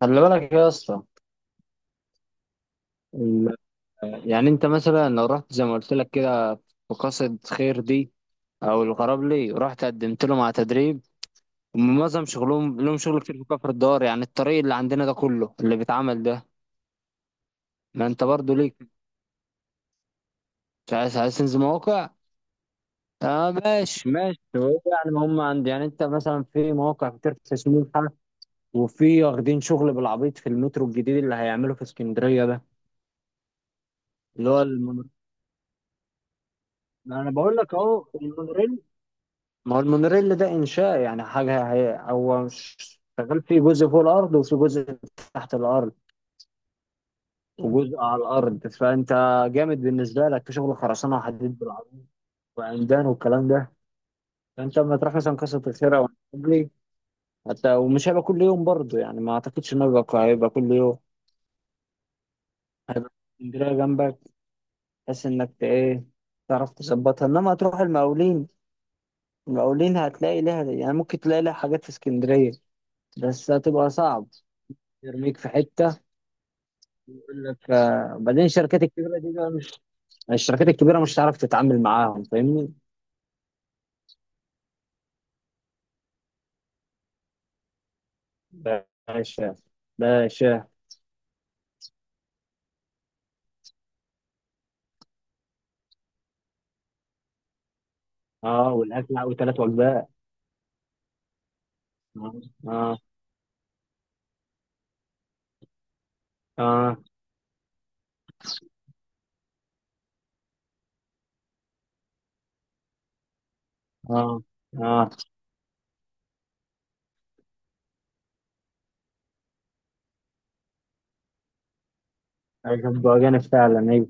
خلي بالك يا اسطى. ال- يعني انت مثلا لو رحت زي ما قلت لك كده في قصد خير دي، او الغراب لي رحت قدمت لهم على تدريب. هم معظم شغلهم، لهم شغل كتير في كفر الدار. يعني الطريق اللي عندنا ده كله اللي بيتعمل ده. ما انت برضو ليك، مش عايز عايز تنزل مواقع. اه، ماشي ماشي. هو يعني ما هم عندي، يعني انت مثلا في مواقع كتير في سموحة، وفي واخدين شغل بالعبيط في المترو الجديد اللي هيعمله في اسكندرية ده، اللي هو المونوريل. انا بقول لك اهو المونوريل. ما هو المونوريل ده انشاء، يعني حاجه. هي هو شغال في جزء فوق الارض، وفي جزء تحت الارض، وجزء على الارض. فانت جامد، بالنسبه لك في شغل خرسانه وحديد بالعرض وعمدان والكلام ده. فانت لما تروح مثلا قصه الخير، او الحجري حتى، ومش هيبقى كل يوم برضه. يعني ما اعتقدش انه هيبقى كل يوم. هيبقى اسكندريه جنبك، بحيث انك ايه، تعرف تظبطها. انما تروح المقاولين، المقاولين هتلاقي لها، يعني ممكن تلاقي لها حاجات في اسكندريه، بس هتبقى صعب. يرميك في حته، يقول لك آه. بعدين الشركات الكبيره دي بقى مش، الشركات الكبيره مش هتعرف تتعامل معاهم، فاهمني؟ باشا، باشا. اه، والاكل وثلاث وجبات. اه، اه، اه، اه، اه. أجب وأجانب فعلا، ايوه.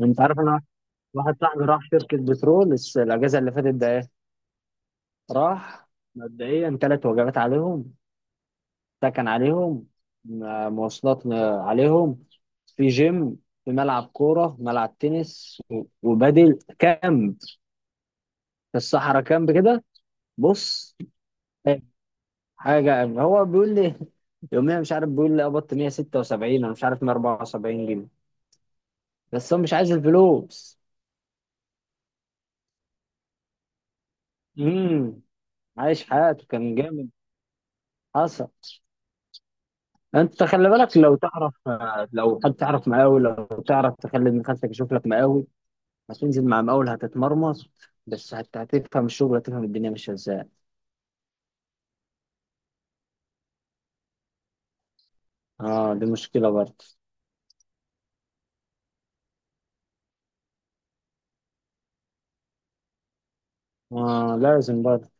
انت عارف انا، واحد صاحبي راح شركه بترول الاجازه اللي فاتت ده، ايه. راح مبدئيا، ثلاث وجبات عليهم، سكن عليهم، مواصلات عليهم، في جيم، في ملعب كوره، ملعب تنس، وبدل كامب في الصحراء، كامب كده. بص، حاجه هو بيقول لي يوميا مش عارف، بيقول لي قبضت 176، انا مش عارف 174 جنيه. بس هو مش عايز الفلوس. امم، عايش حياته كان جامد. حصل. انت خلي بالك لو تعرف، لو حد تعرف مقاول، لو تعرف تخلي ابن خالتك يشوف لك مقاول. هتنزل مع مقاول، هتتمرمط، بس هتفهم الشغل، هتفهم الدنيا ماشيه ازاي. اه، دي مشكله برضه. اه، لازم برضه.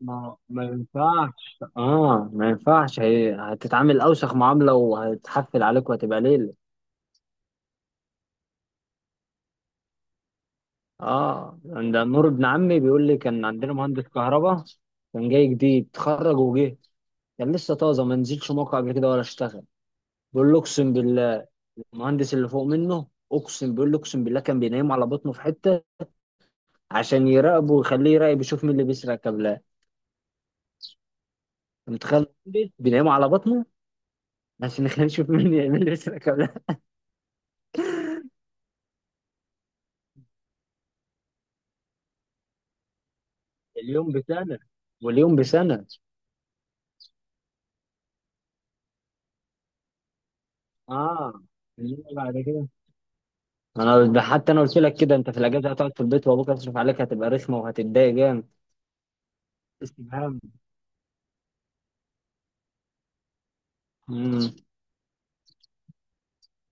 ما ينفعش. اه، ما ينفعش. هي هتتعامل اوسخ معامله، وهتحفل عليك، وهتبقى ليله. اه، عند نور ابن عمي بيقول لي، كان عندنا مهندس كهرباء، كان جاي جديد اتخرج وجه، كان لسه طازه، ما نزلش موقع قبل كده ولا اشتغل. بيقول له اقسم بالله، المهندس اللي فوق منه اقسم، بيقول له اقسم بالله كان بينام على بطنه في حته، عشان يراقبه ويخليه يراقب، يشوف مين اللي بيسرق كابلات. أنت متخيل مهندس بينام على بطنه، عشان يخليه يشوف مين اللي بيسرق كابلات؟ اليوم بسنه، واليوم بسنه. اه، إنما بعد كده، انا ده حتى انا قلت لك كده، انت في الاجازه هتقعد في البيت، وابوك هيصرف عليك، هتبقى رخمه وهتتضايق جامد. استفهام؟ امم.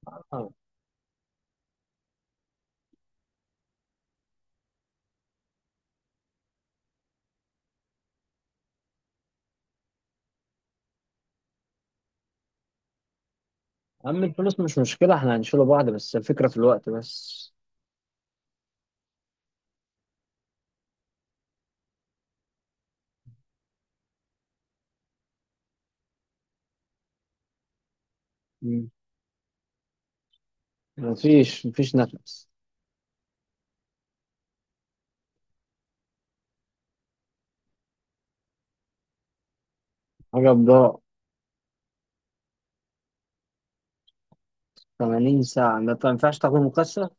آه. اما الفلوس مش مشكله، احنا هنشيله بعض، بس الفكره في الوقت بس. مم. مفيش نفس. حاجه بضاعة. 80 ساعه؟ ما ينفعش، تاخد مكثف.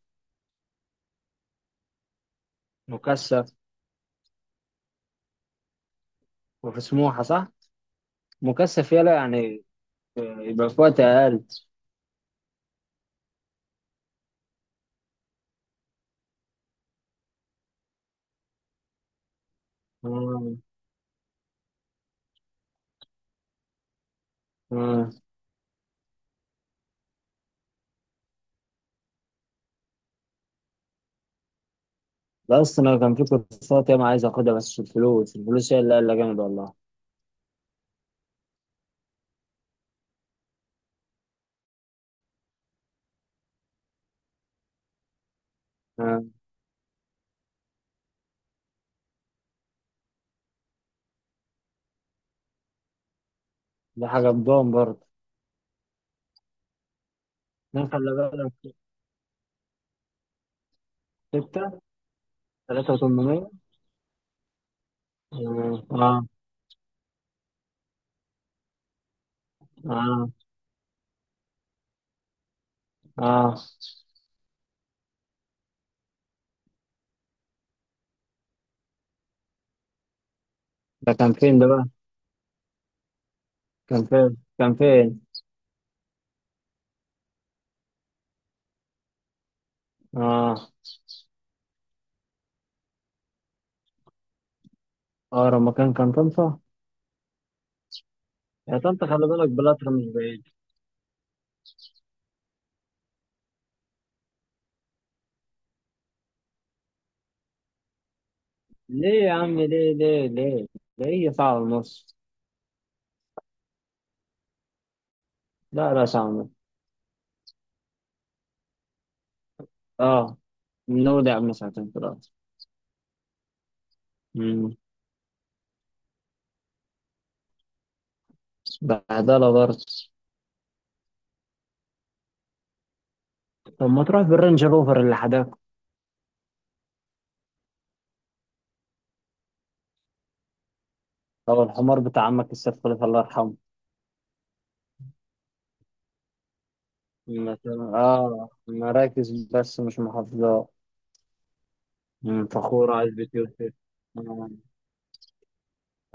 مكثف، وفي سموحه صح. مكثف يلا، يعني. آه، يبقى في وقت اقل. آه. آه. ده اصلا أنا كان في كورسات ياما عايز اخدها، بس الفلوس، الفلوس هي اللي قال جامد والله. آه. دي حاجة بضان برضه. اتنين، خلي بالك. ستة. تلاتة وتمنمية. اه. اه. اه. ده كان فين ده بقى؟ كان فين؟ كان فين؟ اه. اقرب مكان كان طنطا. يا طنطا خلي بالك، بلاتر مش بعيد. ليه يا عم؟ ليه ليه ليه؟ ده هي ساعة ونص. لا لا، ساعة ونص. اه، نودع من ساعتين ثلاثة. امم. بهدلة برضه. طب ما تروح بالرينج روفر اللي حداك، او الحمار بتاع عمك السيد خليفة الله يرحمه. مثلا اه، مراكز بس مش محافظات. مم، فخورة عايز بتيوت كده. آه.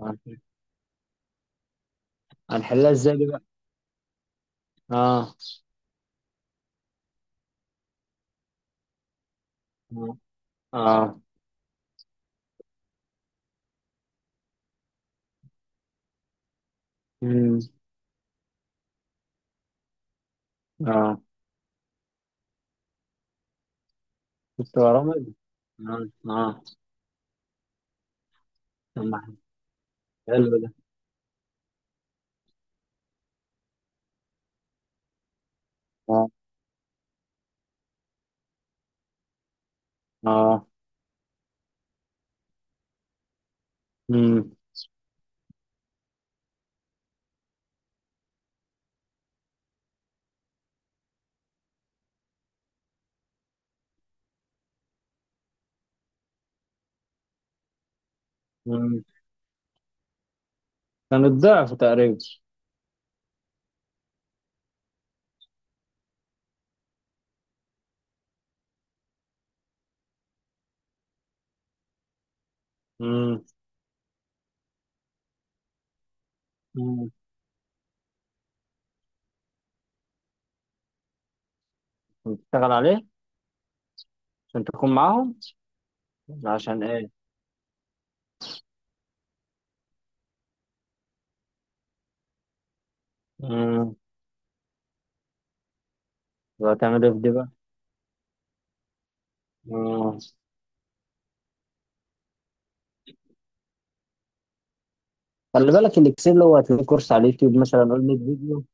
آه. هنحلها ازاي دي بقى؟ اه، اه، اه، مم، اه. شفت برامج. اه، اه. طب ما. حلو ده. اه، اه، مم، مم. كان الضعف تقريبا. مم، مم. بتشتغل عليه عشان تكون معاهم. عشان ايه؟ امم. وهتعمل ايه في دي بقى؟ مم. خلي بالك، الاكسل هو هتلاقيه كورس على اليوتيوب مثلا، قول 100 فيديو.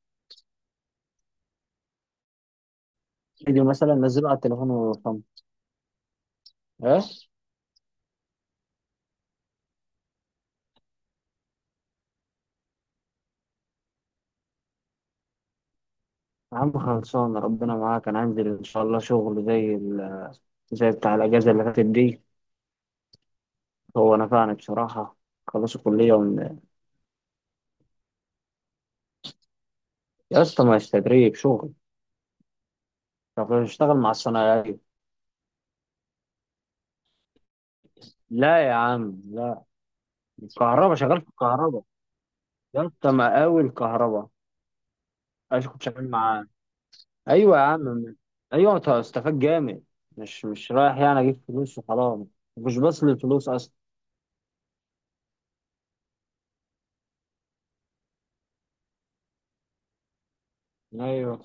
فيديو مثلا نزله على التليفون ويرقم. ايه؟ يا عم خلصان، ربنا معاك. انا عندي ان شاء الله شغل زي زي بتاع الاجازه اللي فاتت دي، هو نفعني بصراحه. خلصوا كليه يا اسطى، ما فيش تدريب شغل. طب اشتغل مع الصنايعيه. لا يا عم، لا. الكهرباء شغال في الكهرباء. يا اسطى مقاول الكهرباء، ايش كنت شغال معاه؟ ايوه يا عم، ايوه، انت استفاد جامد. مش رايح يعني اجيب فلوس وخلاص، مش بس للفلوس اصلا. ايوه.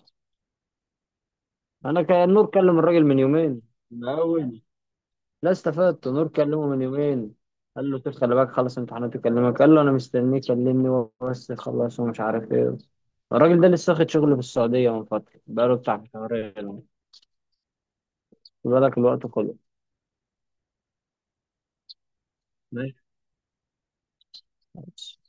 انا كان نور كلم الراجل من يومين، من اول، لا استفدت، نور كلمه من يومين. قال له طب خلي بالك، خلص امتحانات يكلمك، قال له انا مستنيك كلمني هو بس خلص ومش عارف ايه. الراجل ده لسه واخد شغل في السعوديه من فتره، بقاله بتاع شهرين. خد بالك الوقت كله. ماشي. خلاص.